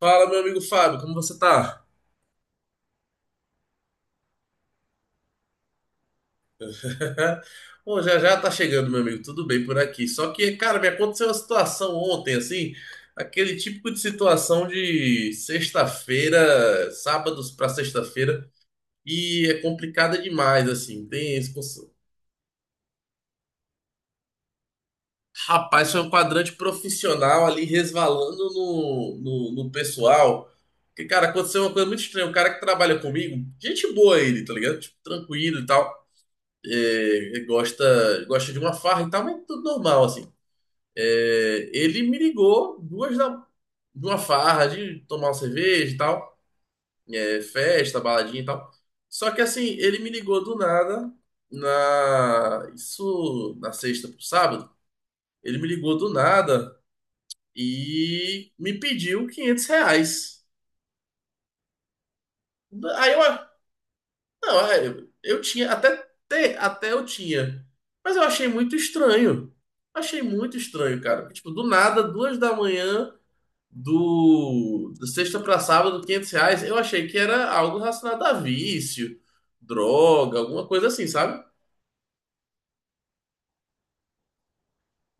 Fala, meu amigo Fábio, como você tá? Bom, já já tá chegando, meu amigo, tudo bem por aqui. Só que, cara, me aconteceu uma situação ontem, assim, aquele típico de situação de sexta-feira, sábados pra sexta-feira, e é complicada demais, assim. Tem esse... Rapaz, foi um quadrante profissional ali resvalando no pessoal. Que, cara, aconteceu uma coisa muito estranha. O cara que trabalha comigo, gente boa ele, tá ligado? Tipo, tranquilo e tal. É, gosta de uma farra e tal, mas tudo normal, assim. É, ele me ligou duas da, de uma farra, de tomar uma cerveja e tal, é, festa, baladinha e tal. Só que assim, ele me ligou do nada, isso na sexta pro sábado, ele me ligou do nada e me pediu 500 reais. Aí eu Não, é, eu tinha, até, até eu tinha. Mas eu achei muito estranho. Achei muito estranho, cara. Tipo, do nada, duas da manhã, do sexta pra sábado, 500 reais. Eu achei que era algo relacionado a vício, droga, alguma coisa assim, sabe?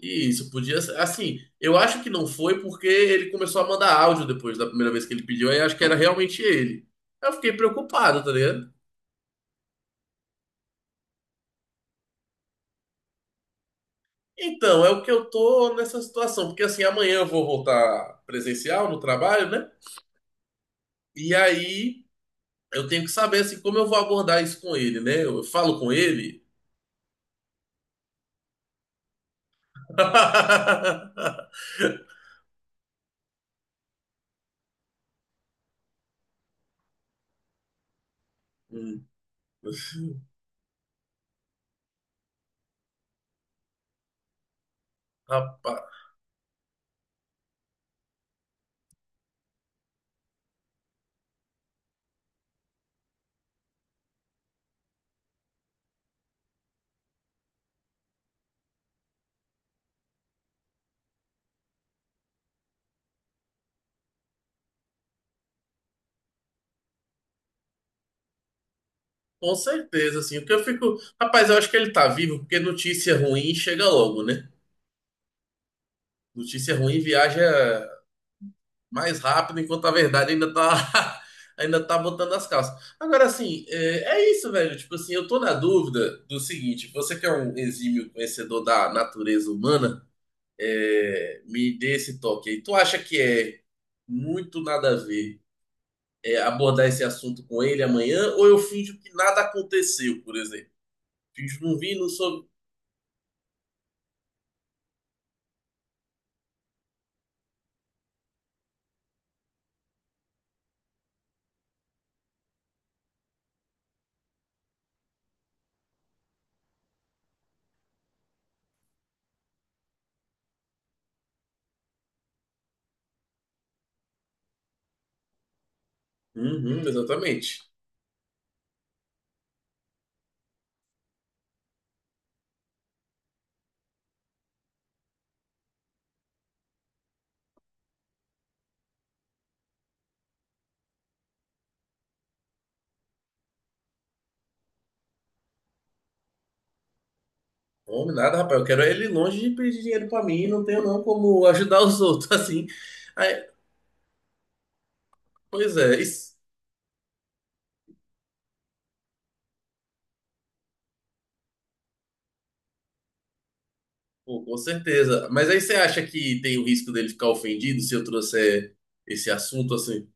E isso podia ser. Assim, eu acho que não foi porque ele começou a mandar áudio depois da primeira vez que ele pediu. Aí eu acho que era realmente ele. Aí eu fiquei preocupado, tá ligado? Então, é o que eu tô nessa situação, porque assim, amanhã eu vou voltar presencial no trabalho, né? E aí eu tenho que saber assim como eu vou abordar isso com ele, né? Eu falo com ele. Hum, rapaz, com certeza, assim, porque eu fico, rapaz, eu acho que ele tá vivo, porque notícia ruim chega logo, né? Notícia ruim viaja mais rápido, enquanto a verdade ainda tá, ainda tá botando as calças. Agora, assim, é isso, velho. Tipo assim, eu tô na dúvida do seguinte: você que é um exímio conhecedor da natureza humana, é, me dê esse toque aí. Tu acha que é muito nada a ver é, abordar esse assunto com ele amanhã, ou eu finjo que nada aconteceu, por exemplo? Finjo não vi, não soube. Uhum, exatamente. Homem, nada, rapaz. Eu quero é ele longe de pedir dinheiro pra mim, não tenho não como ajudar os outros, assim. Aí, pois é, isso. Pô, com certeza. Mas aí você acha que tem o risco dele ficar ofendido se eu trouxer esse assunto assim?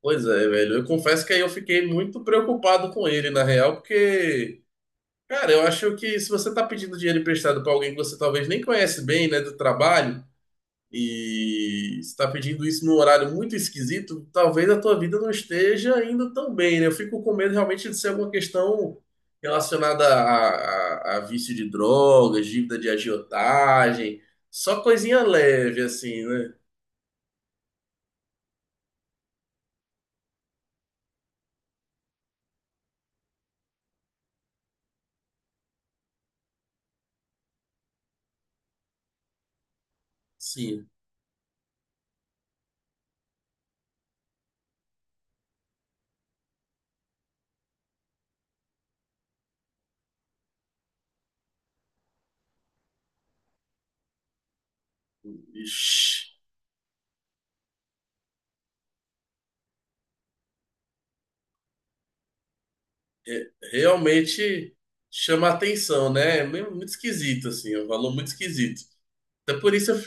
Pois é, velho. Eu confesso que aí eu fiquei muito preocupado com ele, na real, porque, cara, eu acho que se você tá pedindo dinheiro emprestado pra alguém que você talvez nem conhece bem, né, do trabalho. E se está pedindo isso num horário muito esquisito, talvez a tua vida não esteja indo tão bem, né? Eu fico com medo realmente de ser alguma questão relacionada a vício de drogas, dívida de agiotagem, só coisinha leve, assim, né? Sim, ixi, realmente chama atenção, né? É muito esquisito, assim, é um valor muito esquisito. Até por isso eu...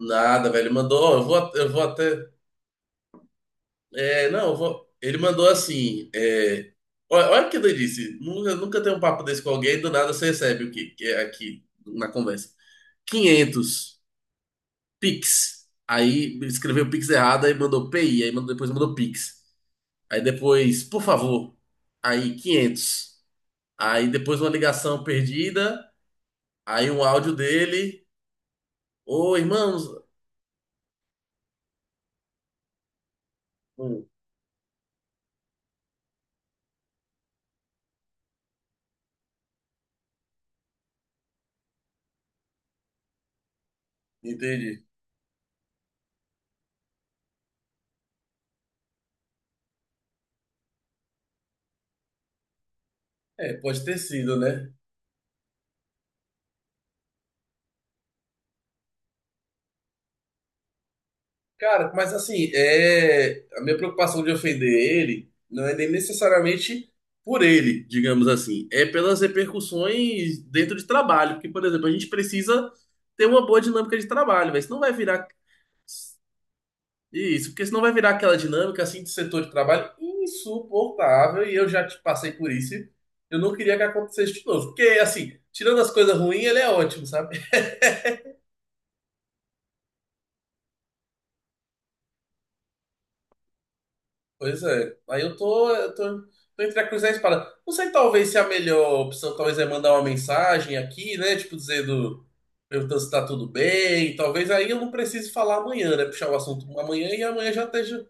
Nada, velho, mandou, ó, eu vou, eu vou até... É, não, ele mandou assim. É, olha o que ele disse. Nunca, nunca tem um papo desse com alguém, do nada você recebe o que, que é aqui na conversa. Quinhentos Pix. Aí escreveu Pix errado, aí mandou PI, aí mandou, depois mandou Pix. Aí depois, por favor. Aí 500. Aí depois uma ligação perdida, aí um áudio dele. Ô, irmãos. Hum, entendi. É, pode ter sido, né? Cara, mas assim, é... A minha preocupação de ofender ele não é nem necessariamente por ele, digamos assim, é pelas repercussões dentro de trabalho. Porque, por exemplo, a gente precisa ter uma boa dinâmica de trabalho, mas não vai virar isso, porque senão vai virar aquela dinâmica assim de setor de trabalho insuportável e eu já te passei por isso. E eu não queria que acontecesse de novo, porque assim, tirando as coisas ruins, ele é ótimo, sabe? Pois é. Aí tô entre a cruz e a espada. Não sei, talvez, se é a melhor opção talvez é mandar uma mensagem aqui, né? Tipo, dizendo, perguntando se tá tudo bem. Talvez aí eu não precise falar amanhã, né? Puxar o assunto amanhã e amanhã já esteja.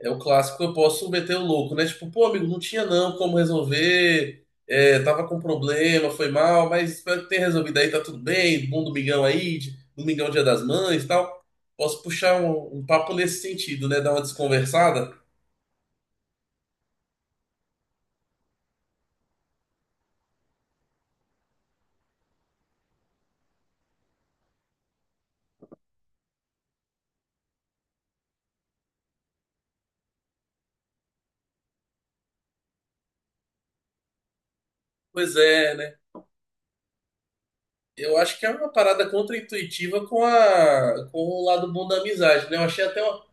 É o clássico, eu posso meter o louco, né? Tipo, pô, amigo, não tinha não como resolver, é, tava com problema, foi mal, mas espero que tenha resolvido aí, tá tudo bem, bom domingão aí, domingão Dia das Mães e tal. Posso puxar um papo nesse sentido, né? Dar uma desconversada? Pois é, né? Eu acho que é uma parada contraintuitiva com com o lado bom da amizade, né? Eu achei até uma...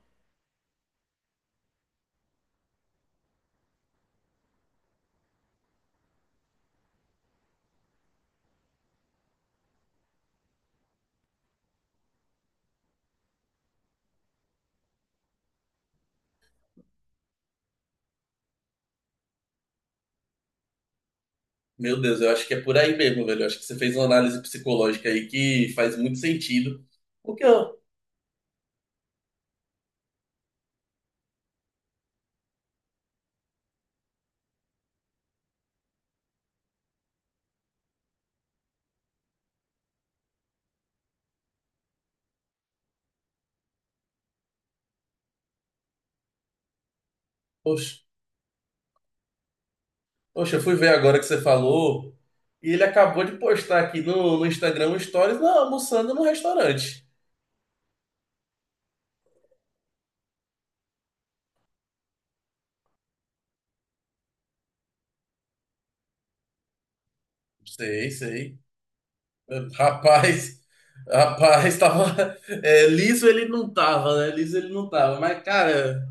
Meu Deus, eu acho que é por aí mesmo, velho. Eu acho que você fez uma análise psicológica aí que faz muito sentido. Porque, ó, poxa. Poxa, eu fui ver agora que você falou e ele acabou de postar aqui no Instagram um stories, não, almoçando no restaurante. Sei, sei. Rapaz, rapaz, tava. É, liso ele não tava, né? Liso ele não tava. Mas, cara,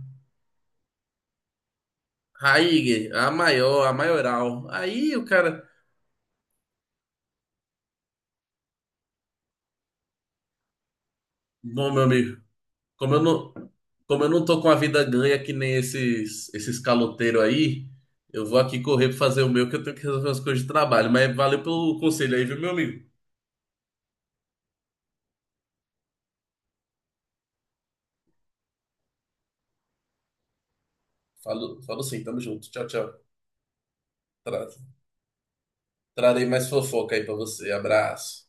Raíger, a maior, a maioral. Aí o cara. Bom, meu amigo, como eu não, como eu não tô com a vida ganha que nem esses, caloteiros aí, eu vou aqui correr pra fazer o meu, que eu tenho que resolver as coisas de trabalho. Mas valeu pelo conselho aí, viu, meu amigo? Falo, falo sim, tamo junto. Tchau, tchau. Tra- Trarei mais fofoca aí pra você. Abraço.